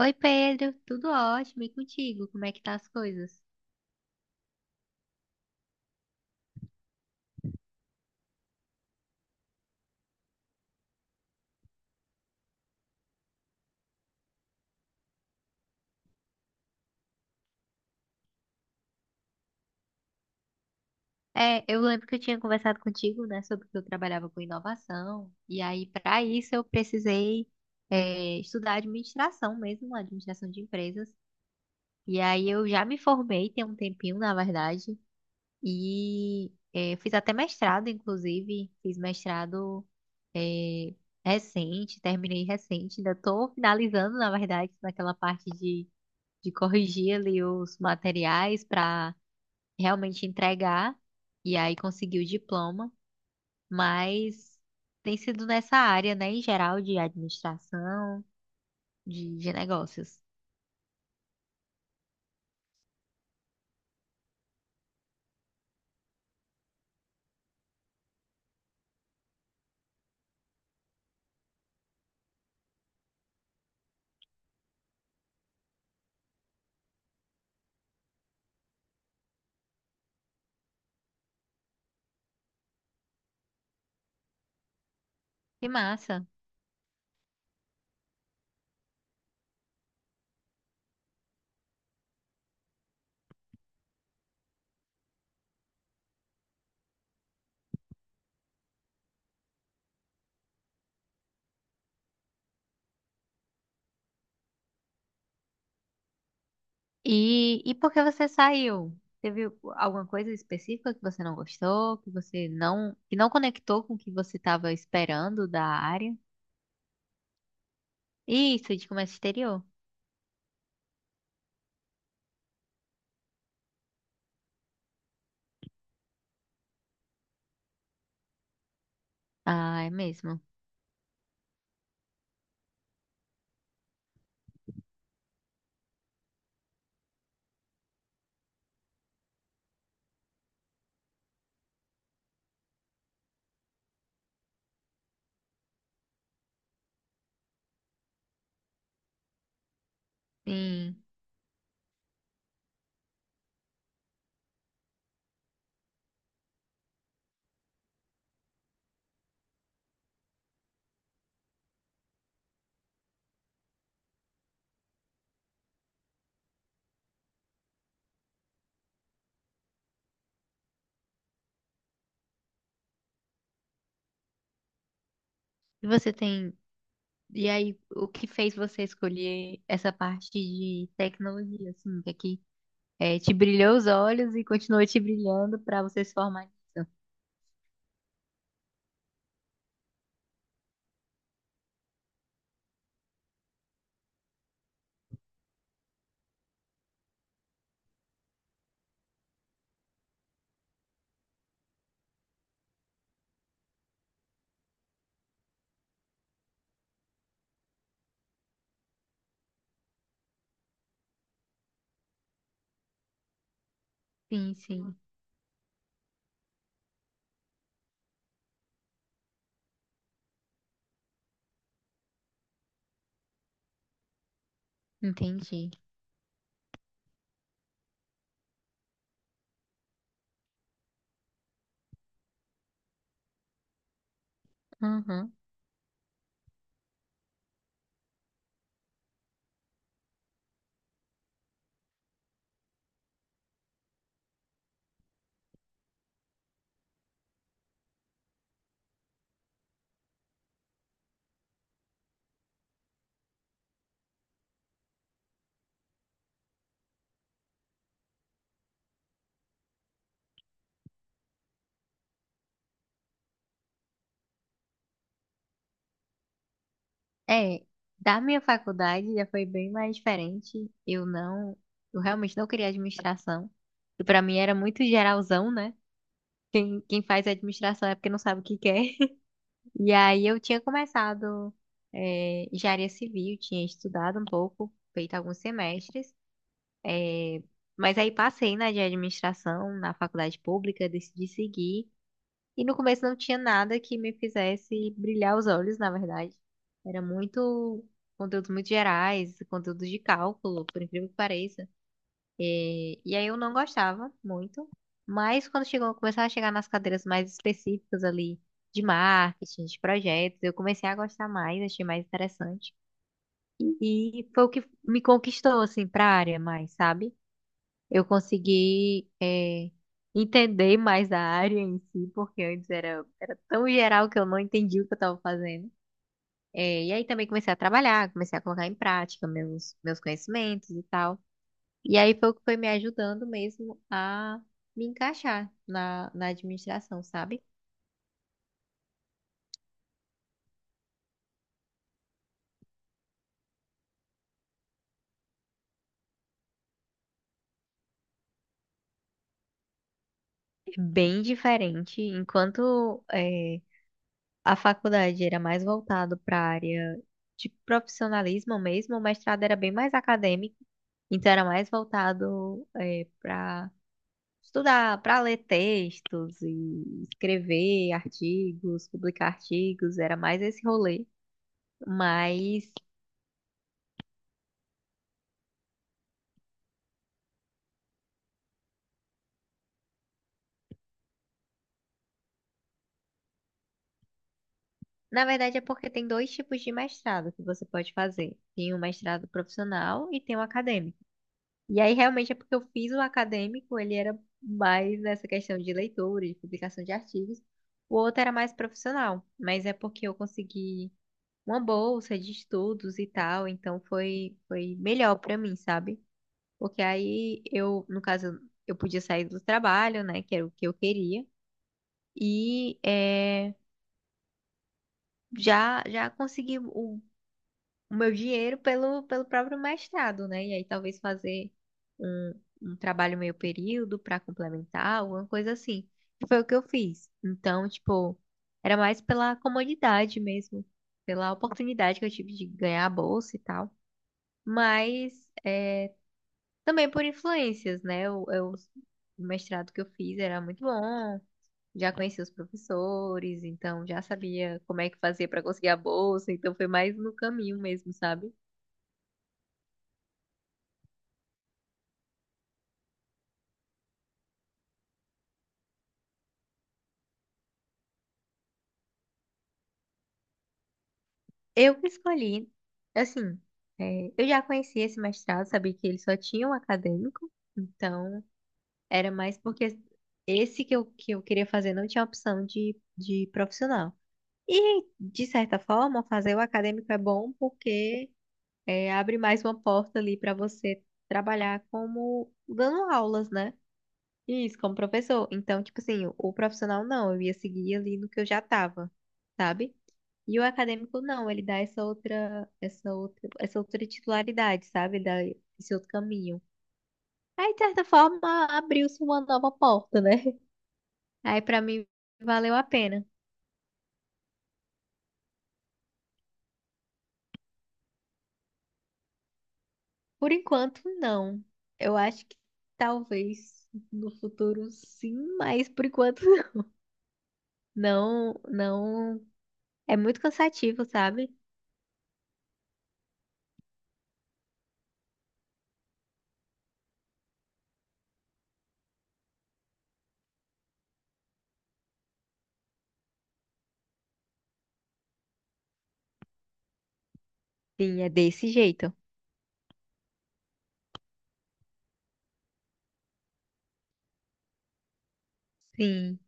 Oi, Pedro, tudo ótimo e contigo? Como é que tá as coisas? É, eu lembro que eu tinha conversado contigo, né, sobre que eu trabalhava com inovação, e aí para isso eu precisei estudar administração mesmo, administração de empresas. E aí eu já me formei tem um tempinho, na verdade, e fiz até mestrado, inclusive, fiz mestrado é, recente, terminei recente, ainda estou finalizando, na verdade, naquela parte de corrigir ali os materiais para realmente entregar e aí conseguir o diploma, mas tem sido nessa área, né, em geral de administração, de negócios. Que massa. E por que você saiu? Teve alguma coisa específica que você não gostou, que você não, que não conectou com o que você estava esperando da área? Isso, de comércio exterior. Ah, é mesmo. Sim. E você tem. E aí, o que fez você escolher essa parte de tecnologia, assim, que aqui te brilhou os olhos e continua te brilhando para você se formar? Sim, sim, entendi. Uhum. É, da minha faculdade já foi bem mais diferente. Eu não, eu realmente não queria administração. E para mim era muito geralzão, né? Quem faz administração é porque não sabe o que quer. E aí eu tinha começado engenharia civil, tinha estudado um pouco, feito alguns semestres. É, mas aí passei na de administração, na faculdade pública, decidi seguir. E no começo não tinha nada que me fizesse brilhar os olhos, na verdade. Era muito conteúdos muito gerais, conteúdos de cálculo, por incrível que pareça. É, e aí eu não gostava muito. Mas quando chegou, começava a chegar nas cadeiras mais específicas ali de marketing, de projetos, eu comecei a gostar mais, achei mais interessante. E foi o que me conquistou, assim, para a área mais, sabe? Eu consegui, entender mais a área em si, porque antes era, era tão geral que eu não entendia o que eu estava fazendo. E aí também comecei a trabalhar, comecei a colocar em prática meus conhecimentos e tal. E aí foi o que foi me ajudando mesmo a me encaixar na, na administração, sabe? É bem diferente. Enquanto a faculdade era mais voltado para a área de profissionalismo mesmo, o mestrado era bem mais acadêmico. Então era mais voltado para estudar, para ler textos e escrever artigos, publicar artigos, era mais esse rolê. Mas na verdade é porque tem dois tipos de mestrado que você pode fazer. Tem o mestrado profissional e tem o acadêmico. E aí realmente é porque eu fiz o acadêmico, ele era mais nessa questão de leitura, de publicação de artigos. O outro era mais profissional, mas é porque eu consegui uma bolsa de estudos e tal, então foi melhor pra mim, sabe? Porque aí eu, no caso, eu podia sair do trabalho, né, que era o que eu queria, e já consegui o meu dinheiro pelo próprio mestrado, né? E aí talvez fazer um, um trabalho meio período pra complementar, alguma coisa assim. E foi o que eu fiz. Então, tipo, era mais pela comodidade mesmo, pela oportunidade que eu tive de ganhar a bolsa e tal. Mas é, também por influências, né? O mestrado que eu fiz era muito bom, já conheci os professores, então já sabia como é que fazia para conseguir a bolsa, então foi mais no caminho mesmo, sabe? Eu que escolhi, assim, eu já conhecia esse mestrado, sabia que ele só tinha um acadêmico, então era mais porque esse que eu queria fazer não tinha opção de profissional. E, de certa forma, fazer o acadêmico é bom porque abre mais uma porta ali para você trabalhar como dando aulas, né? Isso, como professor. Então, tipo assim, o profissional não, eu ia seguir ali no que eu já tava, sabe? E o acadêmico não, ele dá essa outra titularidade, sabe? Ele dá esse outro caminho. Aí, de certa forma, abriu-se uma nova porta, né? Aí, pra mim, valeu a pena. Por enquanto, não. Eu acho que talvez no futuro sim, mas por enquanto não, não. É muito cansativo, sabe? Sim, é desse jeito. Sim.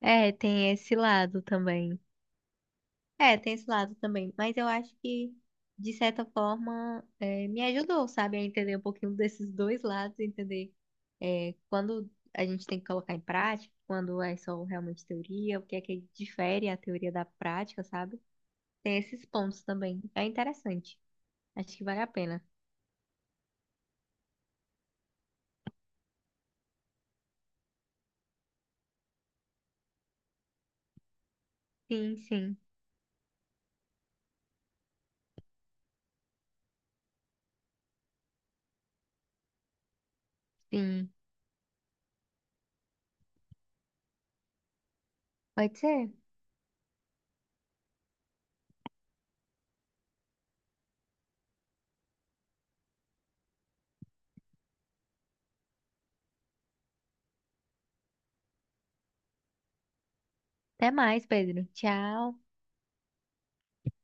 É, tem esse lado também. É, tem esse lado também. Mas eu acho que, de certa forma, me ajudou, sabe, a entender um pouquinho desses dois lados, entender quando a gente tem que colocar em prática, quando é só realmente teoria, o que é que difere a teoria da prática, sabe? Tem esses pontos também. É interessante. Acho que vale a pena. Sim, sim, sim. Pode ser. Até mais, Pedro. Tchau.